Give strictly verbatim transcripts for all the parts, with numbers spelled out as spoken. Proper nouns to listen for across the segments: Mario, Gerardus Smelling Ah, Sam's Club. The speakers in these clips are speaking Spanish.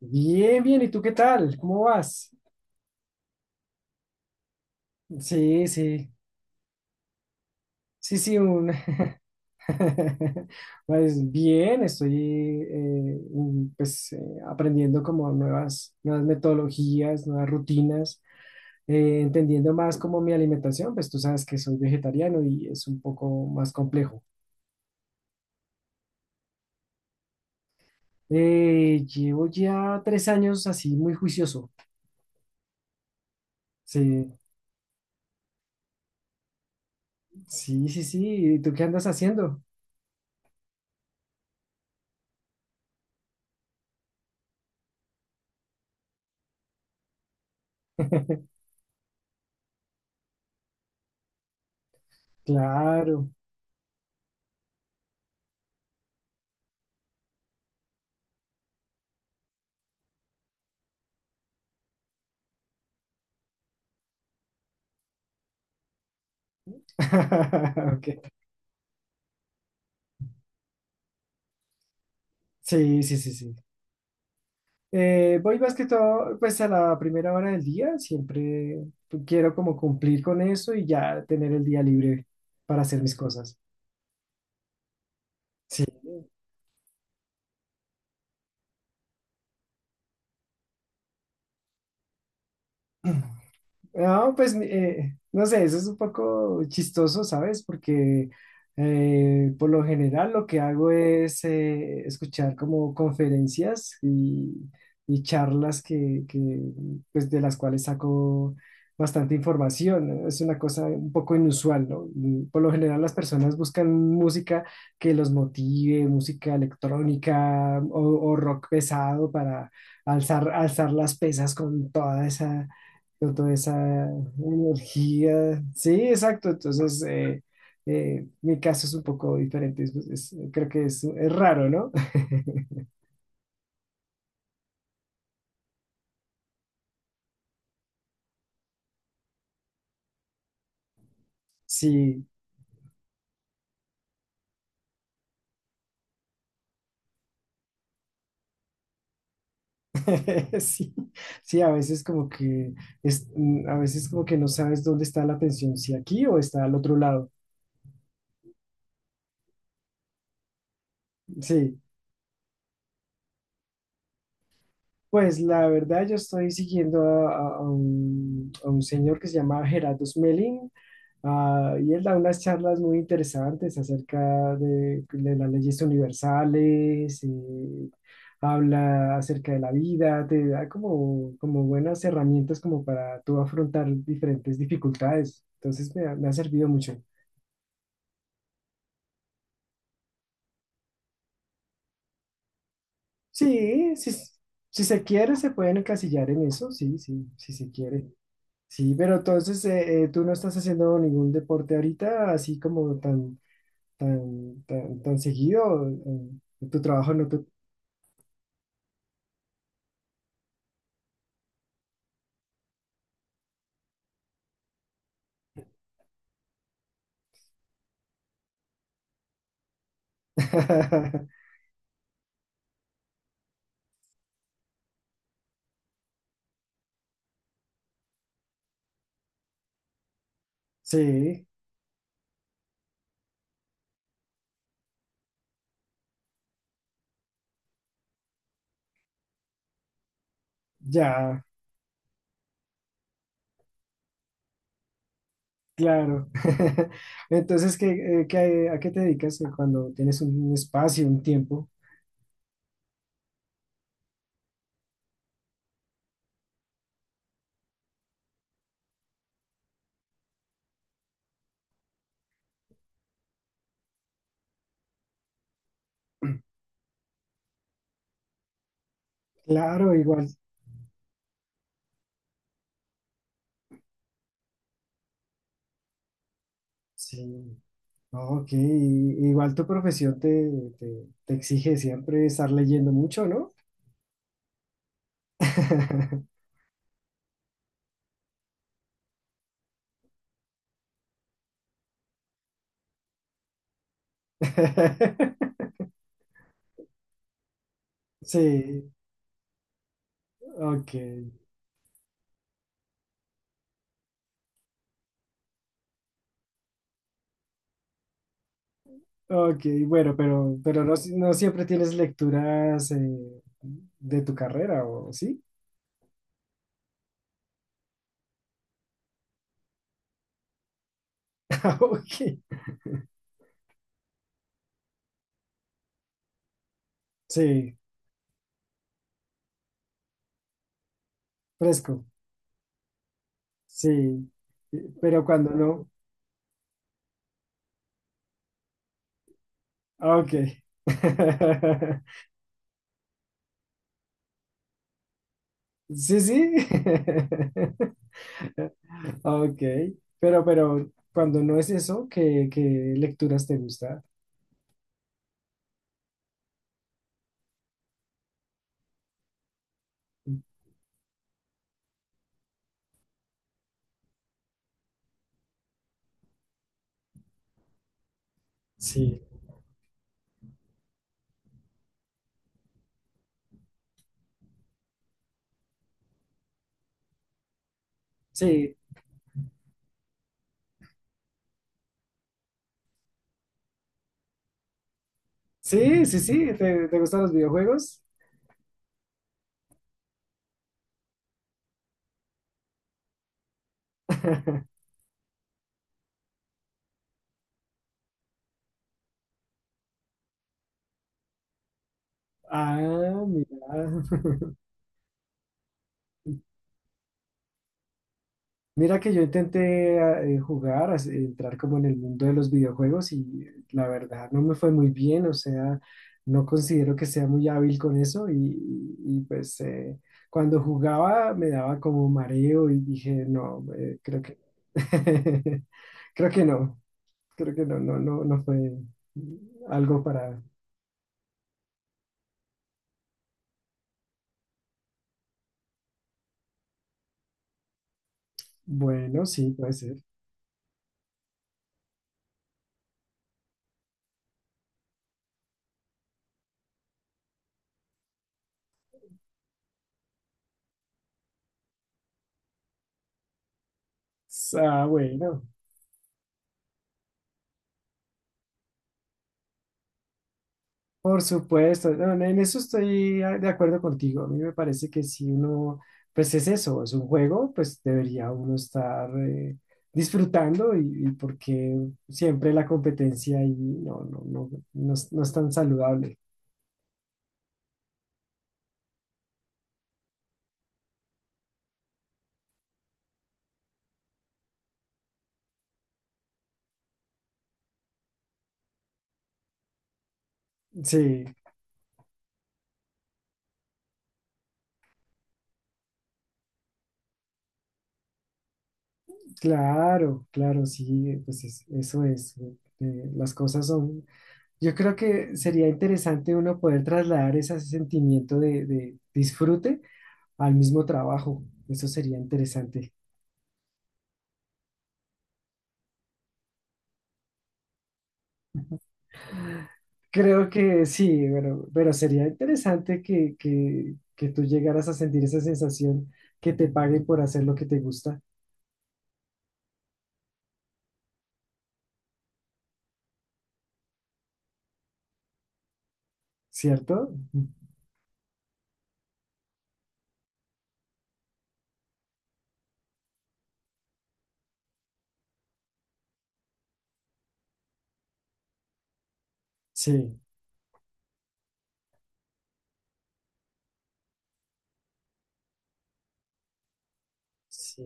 Bien, bien, ¿y tú qué tal? ¿Cómo vas? Sí, sí, sí, sí, un... pues bien, estoy eh, un- pues, eh, aprendiendo como nuevas, nuevas metodologías, nuevas rutinas, eh, entendiendo más como mi alimentación, pues tú sabes que soy vegetariano y es un poco más complejo. Eh, llevo ya tres años así muy juicioso. Sí, sí, sí, sí, ¿y tú qué andas haciendo? Claro. Ok. Sí, sí, sí, sí. Eh, voy más que todo, pues a la primera hora del día, siempre quiero como cumplir con eso y ya tener el día libre para hacer mis cosas. Sí. No, pues eh, no sé, eso es un poco chistoso, ¿sabes? Porque eh, por lo general lo que hago es eh, escuchar como conferencias y, y charlas que, que, pues de las cuales saco bastante información, ¿no? Es una cosa un poco inusual, ¿no? Y por lo general las personas buscan música que los motive, música electrónica o, o rock pesado para alzar, alzar las pesas con toda esa con toda esa energía. Sí, exacto. Entonces, eh, eh, mi caso es un poco diferente. Es- es- creo que es, es raro, ¿no? Sí, sí, sí, a veces como que es, mm, a veces como que no sabes dónde está la atención, si aquí o está al otro lado. Sí, pues la verdad yo estoy siguiendo a, a- a un, a un señor que se llama Gerardus Smelling. Ah, y él da unas charlas muy interesantes acerca de, de las leyes universales. Eh, habla acerca de la vida, te da como, como buenas herramientas como para tú afrontar diferentes dificultades. Entonces me ha, me ha servido mucho. Sí, sí, si se quiere se pueden encasillar en eso, sí, sí, si se quiere. Sí, pero entonces eh, eh, tú no estás haciendo ningún deporte ahorita así como tan, tan, tan, tan seguido. Eh, tu trabajo no te sí, ya, claro. Entonces, ¿qué, eh, qué- a qué te dedicas eh, cuando tienes un espacio, un tiempo? Claro, igual, sí. No, ok, igual tu profesión te, te, te exige siempre estar leyendo mucho, ¿no? Sí, ok, ok, bueno, pero, pero no, si- no siempre tienes lecturas eh, de tu carrera, ¿o sí? Ok, sí, fresco. Sí, pero cuando no, ah, ok. Sí, sí. Ok, pero, pero cuando no es eso, ¿qué, qué lecturas te gusta? Sí, sí, sí, sí, sí, ¿te, te gustan los videojuegos? Ah, mira. Mira que yo intenté ah, eh, jugar, as- entrar como en el mundo de los videojuegos y la verdad no me fue muy bien, o sea, no considero que sea muy hábil con eso y, y- y, pues eh, cuando jugaba me daba como mareo y dije, no, eh, creo que, creo que no, creo que no, no, no, no fue algo para, bueno, sí, puede ser. Ah, bueno. Por supuesto, no, en eso estoy a- de acuerdo contigo. A mí me parece que si uno, pues es eso, es un juego, pues debería uno estar eh, disfrutando y, y porque siempre la competencia ahí no, no, no, no, es no es tan saludable. Sí, claro, claro, sí, pues es- eso es. Eh, las cosas son, yo creo que sería interesante uno poder trasladar ese sentimiento de de disfrute al mismo trabajo. Eso sería interesante. Creo que sí, pero, pero sería interesante que, que, que tú llegaras a sentir esa sensación que te paguen por hacer lo que te gusta, ¿cierto? Sí, sí,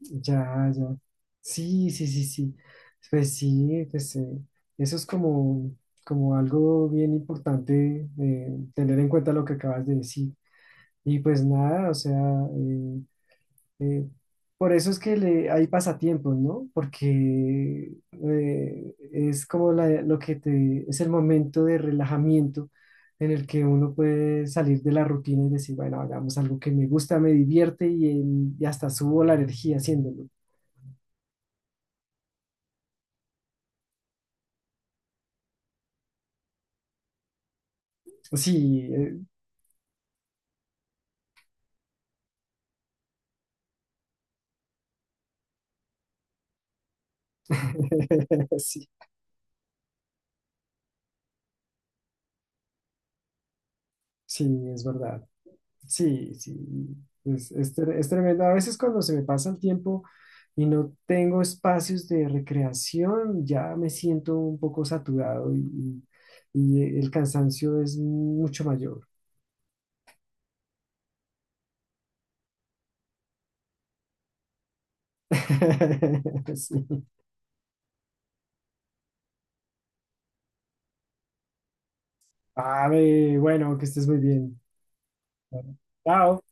ya, ya. Sí, sí, sí, sí. Pues sí, pues eh, eso es como, como algo bien importante eh, tener en cuenta lo que acabas de decir. Y pues nada, o sea, eh, Eh, por eso es que le, hay pasatiempos, ¿no? Porque eh, es como la- lo que te, es el momento de relajamiento en el que uno puede salir de la rutina y decir, bueno, hagamos algo que me gusta, me divierte y, en- y hasta subo la energía haciéndolo. Sí, eh, sí, sí, es verdad. Sí, sí, es, es tre- es tremendo. A veces cuando se me pasa el tiempo y no tengo espacios de recreación, ya me siento un poco saturado y, y y el cansancio es mucho mayor. Sí. A bueno, que estés muy bien. Bueno, chao.